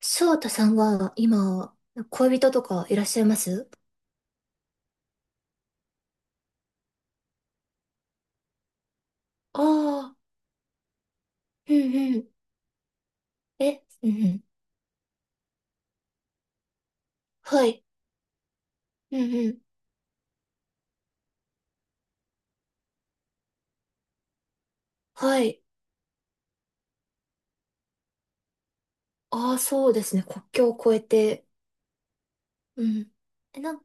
翔太さんは今、恋人とかいらっしゃいます？ああー、うんうん。え、うんうん。はい。うんうん。はい。ああ、そうですね。国境を越えて。うん。え、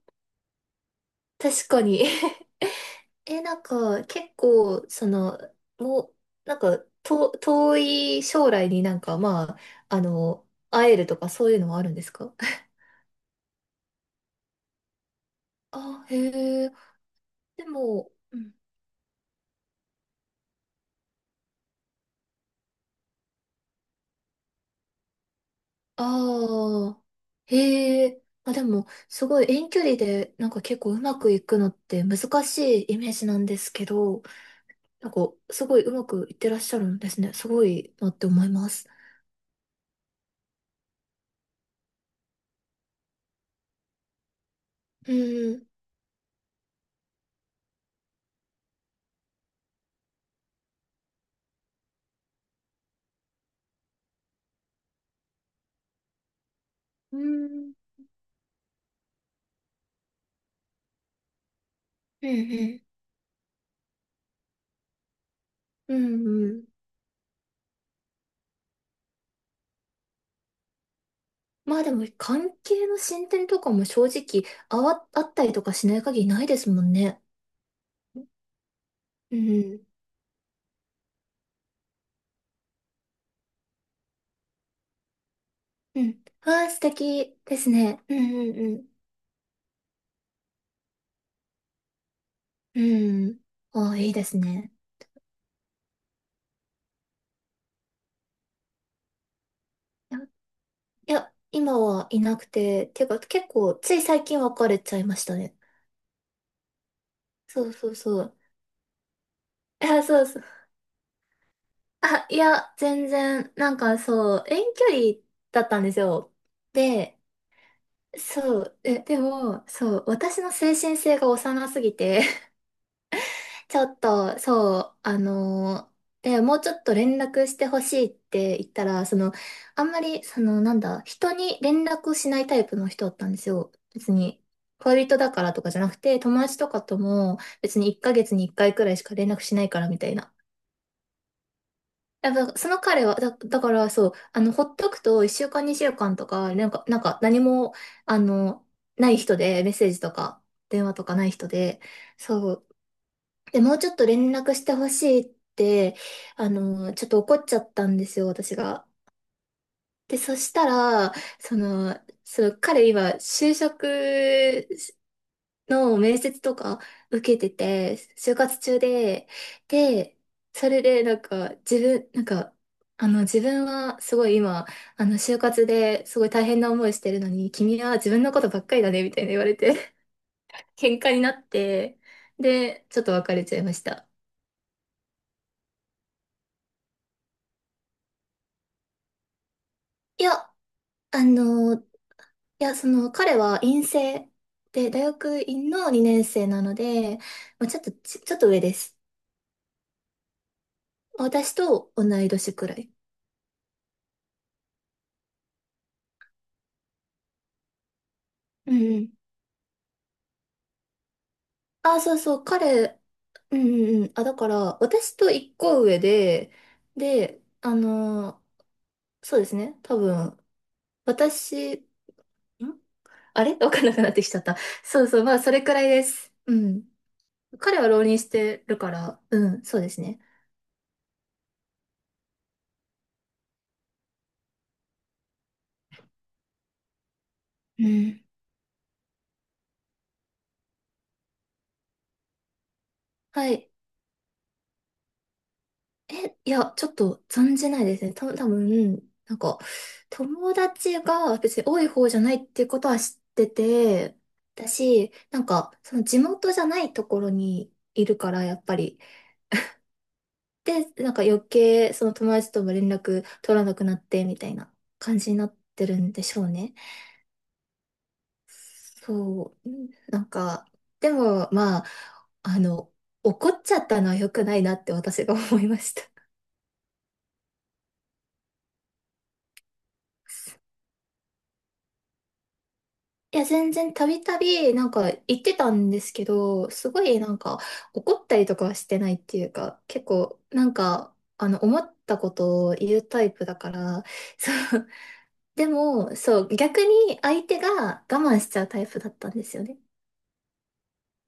確かに。え、なんか、結構、その、もう、なんか、遠い将来になんか、まあ、あの、会えるとかそういうのはあるんですか？ あへえ。でも、うん。ああ、へえ。あ、でも、すごい遠距離で、なんか結構うまくいくのって難しいイメージなんですけど、なんかすごいうまくいってらっしゃるんですね。すごいなって思います。うん。うん。うんうん。うんうん。まあでも、関係の進展とかも正直、あったりとかしない限りないですもんね。うん。うん。ああ、素敵ですね。うんうんうん。うん。ああ、いいですね。いや、今はいなくて、てか結構つい最近別れちゃいましたね。そうそうそう。いや、そうそう。あ、いや、全然、なんかそう、遠距離だったんですよ。で、そう、え、でも、そう、私の精神性が幼すぎてちょっと、そう、で、もうちょっと連絡してほしいって言ったら、その、あんまり、その、なんだ、人に連絡をしないタイプの人だったんですよ。別に、恋人だからとかじゃなくて、友達とかとも、別に1ヶ月に1回くらいしか連絡しないからみたいな。やっぱ、その彼は、だからそう、あの、ほっとくと1週間2週間とか、なんか何も、あの、ない人で、メッセージとか、電話とかない人で、そう。で、もうちょっと連絡してほしいって、あの、ちょっと怒っちゃったんですよ、私が。で、そしたら、その、その彼今、就職の面接とか受けてて、就活中で、で、それでなんか、なんか、あの、自分はすごい今、あの、就活ですごい大変な思いしてるのに、君は自分のことばっかりだね、みたいな言われて、喧嘩になって、で、ちょっと別れちゃいました。いや、あのいや、その、彼は院生で、大学院の2年生なので、まあ、ちょっと上です。私と同い年くらい。うんうん。あ、そうそう、彼、うんうんうん。あ、だから、私と一個上で、で、そうですね、多分、私、あれ わかんなくなってきちゃった。そうそう、まあ、それくらいです。うん。彼は浪人してるから、うん、そうですね。うん。はい。え、いや、ちょっと存じないですね。多分、なんか、友達が別に多い方じゃないっていうことは知ってて、だし、なんか、その地元じゃないところにいるから、やっぱり。で、なんか余計、その友達とも連絡取らなくなって、みたいな感じになってるんでしょうね。そう、うんなんか、でも、まあ、あの、怒っちゃったのは良くないなって私が思いました。いや、全然たびたび、なんか言ってたんですけど、すごいなんか怒ったりとかはしてないっていうか、結構なんか、あの、思ったことを言うタイプだから、そう。でも、そう、逆に相手が我慢しちゃうタイプだったんですよね。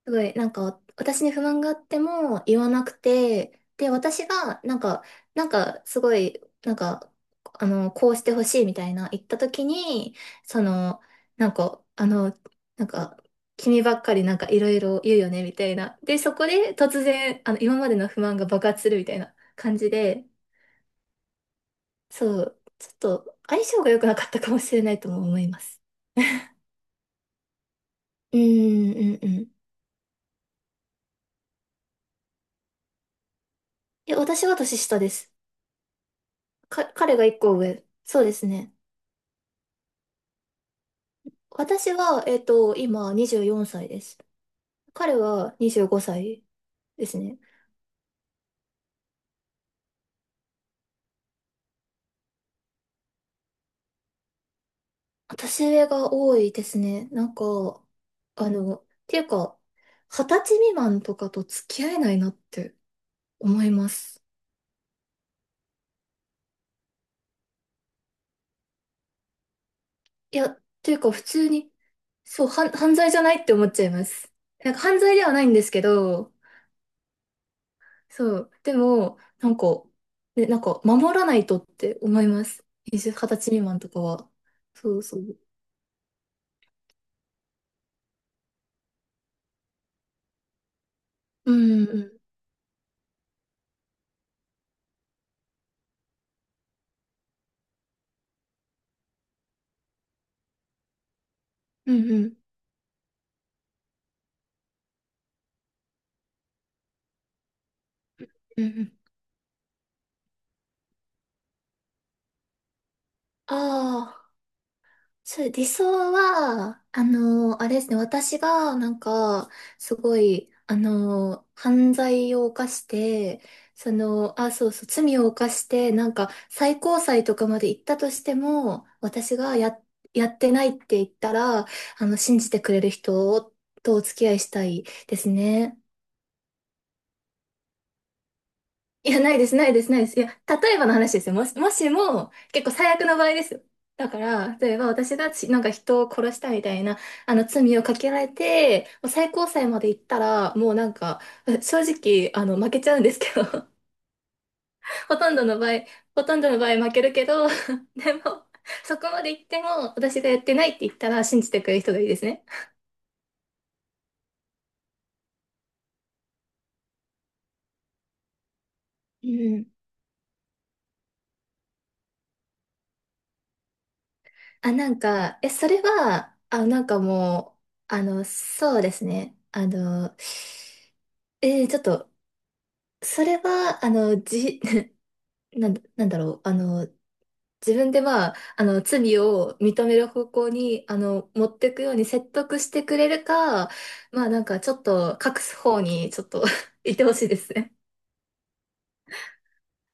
すごい、なんか、私に不満があっても言わなくて、で、私が、なんか、すごい、なんか、あの、こうしてほしいみたいな言った時に、その、なんか、あの、なんか、君ばっかりなんかいろいろ言うよね、みたいな。で、そこで突然、あの、今までの不満が爆発するみたいな感じで、そう、ちょっと相性が良くなかったかもしれないとも思います。うん、うん、うん。え、私は年下です。彼が一個上。そうですね。私は、今24歳です。彼は25歳ですね。年上が多いですね。なんか、あの、っていうか、二十歳未満とかと付き合えないなって思います。いや、っていうか普通に、そう、犯罪じゃないって思っちゃいます。なんか犯罪ではないんですけど、そう、でも、なんか、ね、なんか守らないとって思います。20、二十歳未満とかは。そうそう。うんうん。うんうんうんうん。ああ、そう、理想は、あの、あれですね、私が、なんか、すごい、あの、犯罪を犯して、その、あ、そうそう、罪を犯して、なんか、最高裁とかまで行ったとしても、私がやってないって言ったら、あの、信じてくれる人とお付き合いしたいですね。いや、ないです、ないです、ないです。いや、例えばの話ですよ。もしも、結構最悪の場合ですよ。だから、例えば私がなんか人を殺したみたいな、あの、罪をかけられて、もう最高裁まで行ったら、もうなんか、正直、あの、負けちゃうんですけど、ほとんどの場合、ほとんどの場合負けるけど、でも、そこまで行っても、私がやってないって言ったら信じてくれる人がいいですね。うん。あ、なんか、え、それは、あ、なんかもう、あの、そうですね。あの、ええちょっと、それは、あの、なんだろう、あの、自分でまあ、あの、罪を認める方向に、あの、持っていくように説得してくれるか、まあなんかちょっと隠す方にちょっと 行ってほしいですね。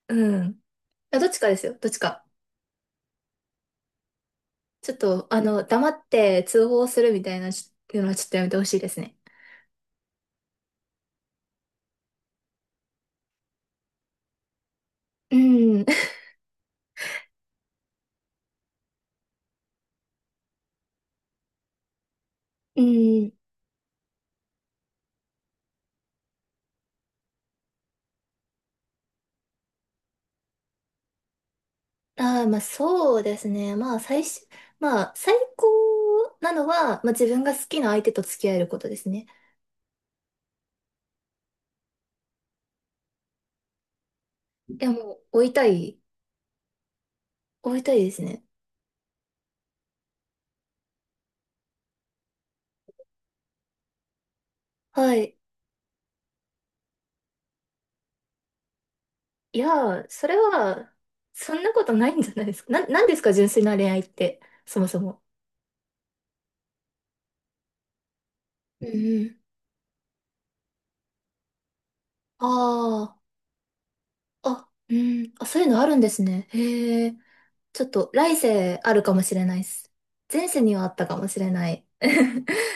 うん。あどっちかですよ、どっちか。ちょっと、あの、黙って通報するみたいないうのはちょっとやめてほしいですね。うん。うん。ああ、まあそうですね。まあ最初、まあ最高なのは、まあ自分が好きな相手と付き合えることですね。いやもう、追いたい。追いたいですね。はい。いやー、それは、そんなことないんじゃないですか。なんですか、純粋な恋愛って、そもそも。うんうん。ああ、あ、うん。あ、そういうのあるんですね。へえ。ちょっと、来世あるかもしれないです。前世にはあったかもしれない。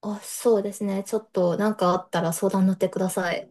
あ、そうですね。ちょっと、なんかあったら相談乗ってください。